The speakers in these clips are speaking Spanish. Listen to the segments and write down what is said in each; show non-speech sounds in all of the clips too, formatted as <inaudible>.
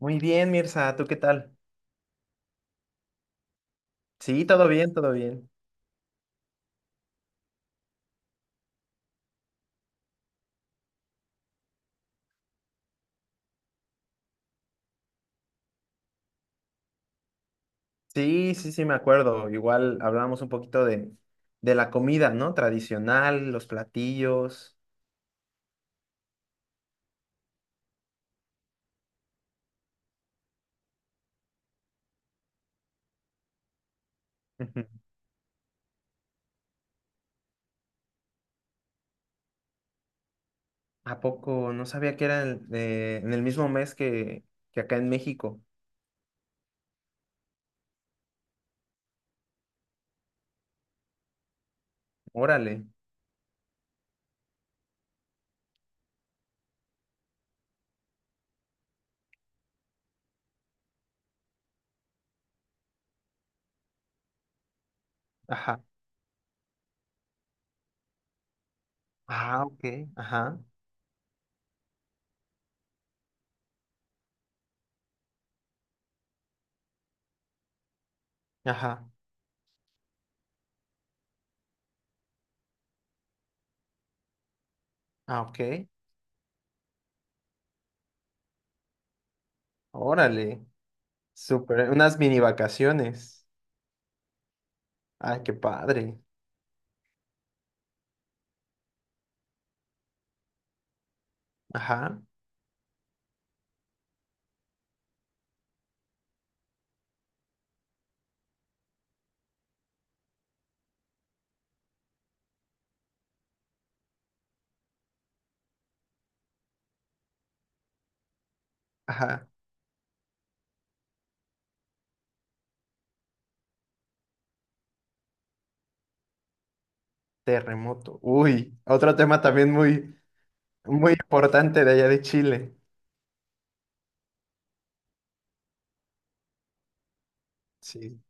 Muy bien, Mirza, ¿tú qué tal? Sí, todo bien, todo bien. Sí, sí, sí, me acuerdo. Igual hablábamos un poquito de la comida, ¿no? Tradicional, los platillos. Ujú. ¿A poco? No sabía que era en el mismo mes que acá en México. Órale. Ajá. Ah, ok. Ajá. Ajá. Ah, ok. Órale. Súper. Unas mini vacaciones. Ay, qué padre. Ajá. Ajá. Terremoto. Uy, otro tema también muy... Muy importante de allá de Chile. Sí.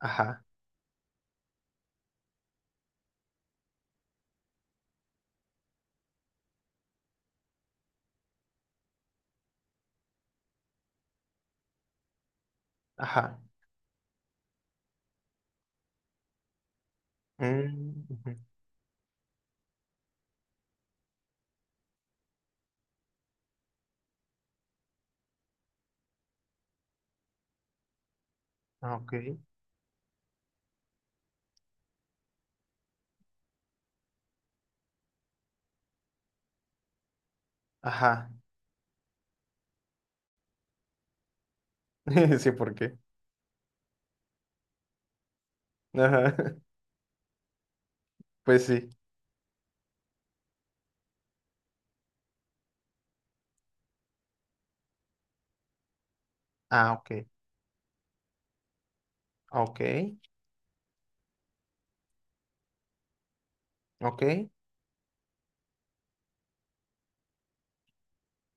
Ajá, ajá. Mm, ujú. Ah, ok. Ajá. <laughs> Sí, ¿por qué? Ajá. <laughs> Pues sí. Ah, ok. Ok. Ok.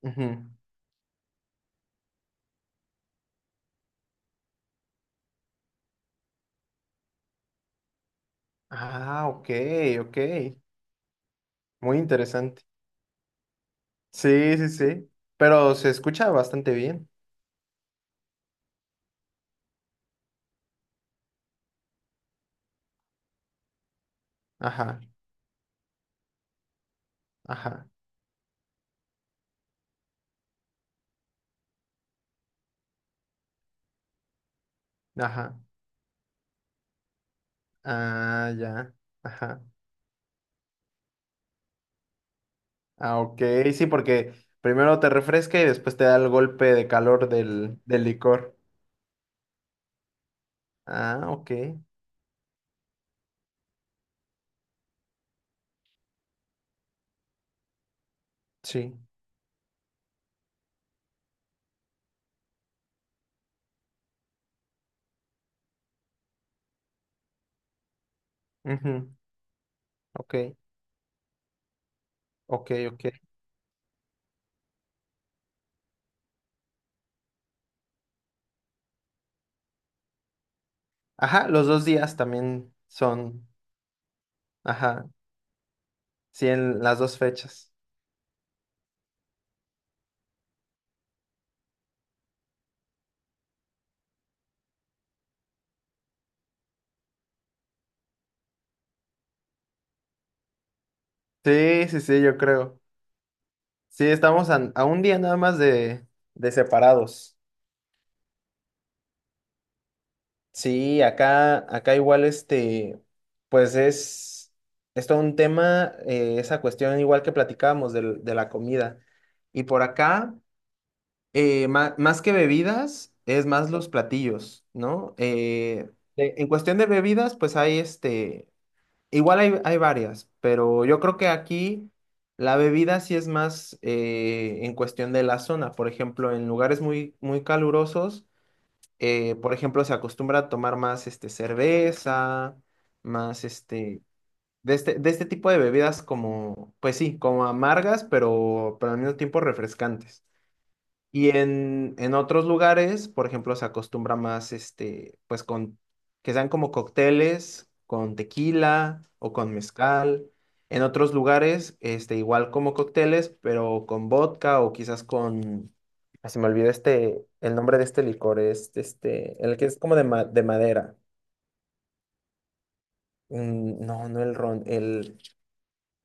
Ujú. Ah, ok, ok. Muy interesante. Sí, sí, sí. Pero se escucha bastante bien. Ajá, ajá, ajá. Ah, ya. Ajá. Ah, ok. Sí, porque primero te refresca y después te da el golpe de calor del licor. Ah, ok, sí. Ujú. Ok, ok, ok. Ajá, los dos días también son, ajá, sí, en las dos fechas. Sí, sí, sí, yo creo. Sí, estamos a un día nada más de separados. Sí, acá igual este, pues es, es todo un tema, esa cuestión igual que platicábamos de la comida. Y por acá. Eh, más que bebidas, es más los platillos, ¿no? En cuestión de bebidas, pues hay este, igual hay, hay varias, pero yo creo que aquí la bebida sí es más, en cuestión de la zona. Por ejemplo, en lugares muy, muy calurosos, por ejemplo, se acostumbra a tomar más este, cerveza, más este, de este tipo de bebidas como, pues sí, como amargas, pero al mismo tiempo refrescantes. Y en otros lugares, por ejemplo, se acostumbra más, este, pues con, que sean como cócteles con tequila o con mezcal. En otros lugares, este, igual como cócteles, pero con vodka o quizás con, ah, se me olvidó este, el nombre de este licor, es este, el que es como de, de madera. Mm, no, no el ron, el,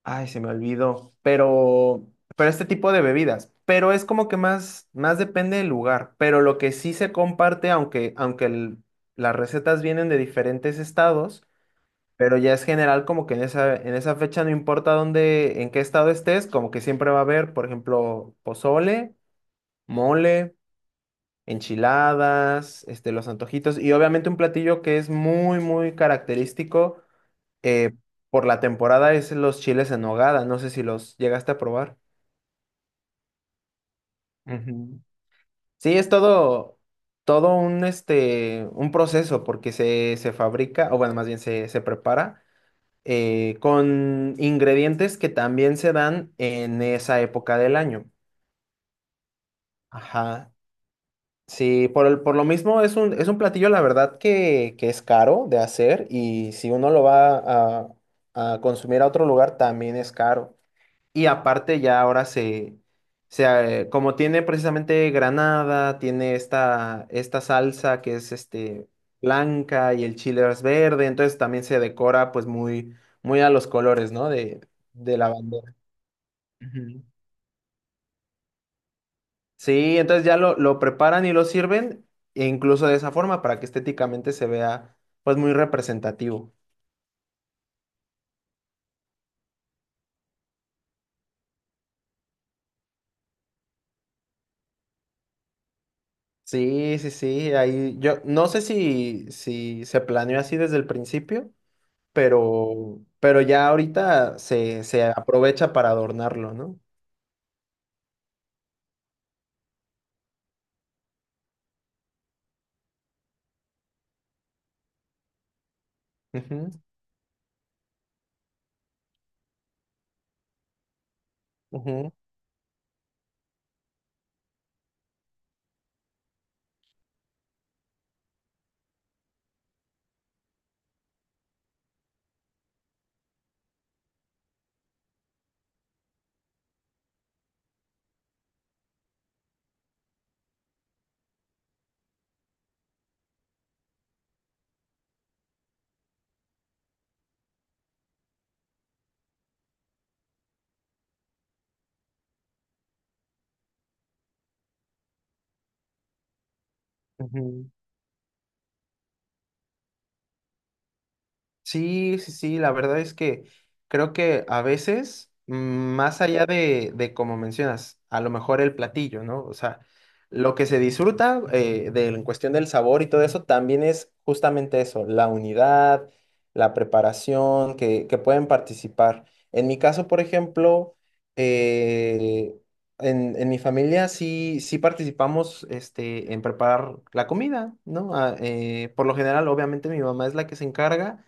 ay, se me olvidó. Pero este tipo de bebidas. Pero es como que más, más depende del lugar. Pero lo que sí se comparte, aunque, aunque las recetas vienen de diferentes estados, pero ya es general como que en esa fecha no importa dónde, en qué estado estés, como que siempre va a haber, por ejemplo, pozole, mole, enchiladas, este, los antojitos y obviamente un platillo que es muy, muy característico, eh, por la temporada es los chiles en nogada. No sé si los llegaste a probar. Ujú. Sí, es todo, todo un, este, un proceso se fabrica, o bueno, más bien se prepara, con ingredientes que también se dan en esa época del año. Ajá. Sí, por, por lo mismo es un platillo, la verdad, que es caro de hacer y si uno lo va a consumir a otro lugar, también es caro. Y aparte ya ahora como tiene precisamente granada, tiene esta, esta salsa que es este, blanca y el chile es verde, entonces también se decora pues muy, muy a los colores, ¿no? De la bandera. Ujú. Sí, entonces ya lo preparan y lo sirven, e incluso de esa forma, para que estéticamente se vea pues muy representativo. Sí, sí, sí, ahí yo no sé si se planeó así desde el principio, pero ya ahorita se aprovecha para adornarlo, no. Ujú, ujú, ujú. Sí, sí, sí, la verdad es que creo que a veces, mm, más allá de como mencionas, a lo mejor el platillo, ¿no? O sea, lo que se disfruta, en cuestión del sabor y todo eso también es justamente eso, la unidad, la preparación, que pueden participar. En mi caso, por ejemplo, eh, en mi familia sí, sí participamos este, en preparar la comida, ¿no? Ah, por lo general, obviamente, mi mamá es la que se encarga.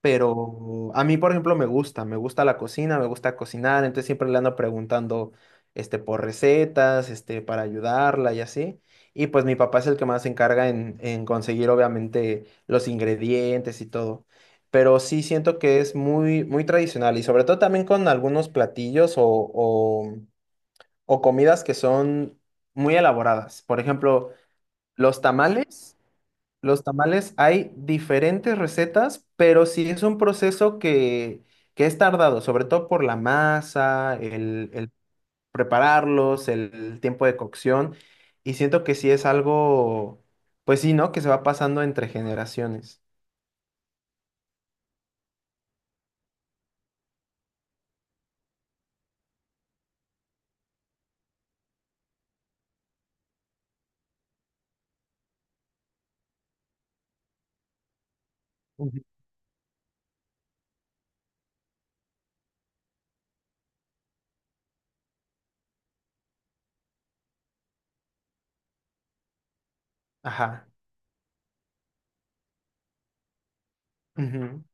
Pero a mí, por ejemplo, me gusta la cocina, me gusta cocinar, entonces siempre le ando preguntando, este, por recetas, este, para ayudarla y así. Y pues mi papá es el que más se encarga en conseguir, obviamente, los ingredientes y todo. Pero sí siento que es muy, muy tradicional y sobre todo también con algunos platillos o comidas que son muy elaboradas. Por ejemplo, los tamales. Los tamales hay diferentes recetas, pero sí es un proceso que es tardado, sobre todo por la masa, el prepararlos, el tiempo de cocción, y siento que sí es algo, pues sí, ¿no? Que se va pasando entre generaciones. Ujú. Ajá, ujú,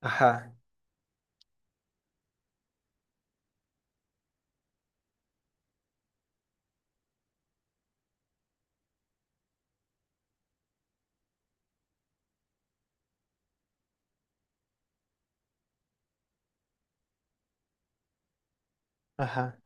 ajá, ajá,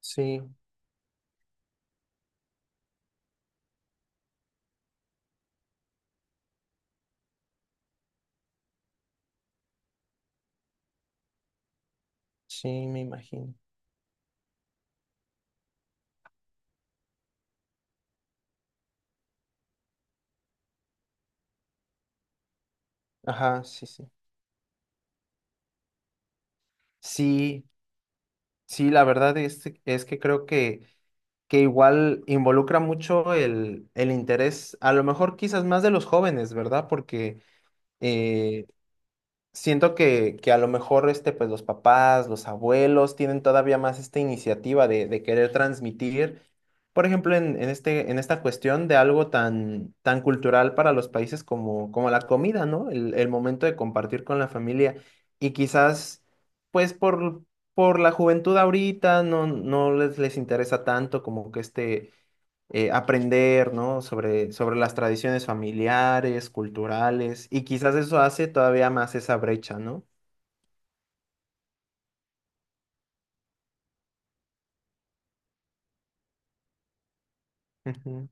sí, sí, me imagino. Ajá, sí, sí. Sí, sí, la verdad es que creo que igual involucra mucho el interés, a lo mejor quizás más de los jóvenes, ¿verdad? Porque eh, siento que a lo mejor este, pues, los papás, los abuelos tienen todavía más esta iniciativa de querer transmitir, por ejemplo, en esta cuestión de algo tan, tan cultural para los países como, como la comida, ¿no? El momento de compartir con la familia y quizás, pues, por... Por la juventud ahorita no, les interesa tanto como que este, aprender, ¿no? Sobre las tradiciones familiares, culturales, y quizás eso hace todavía más esa brecha, ¿no? Ujú,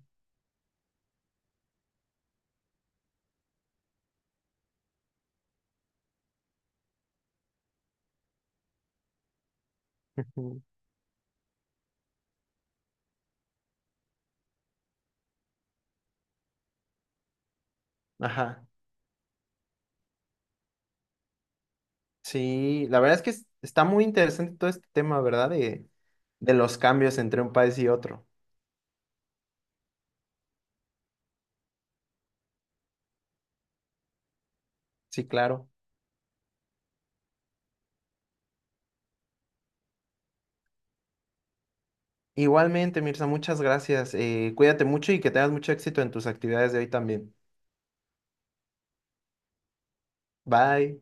ujú. Ajá. Sí, la verdad es que está muy interesante todo este tema, ¿verdad? De los cambios entre un país y otro. Sí, claro. Igualmente, Mirza, muchas gracias. Cuídate mucho y que tengas mucho éxito en tus actividades de hoy también. Bye.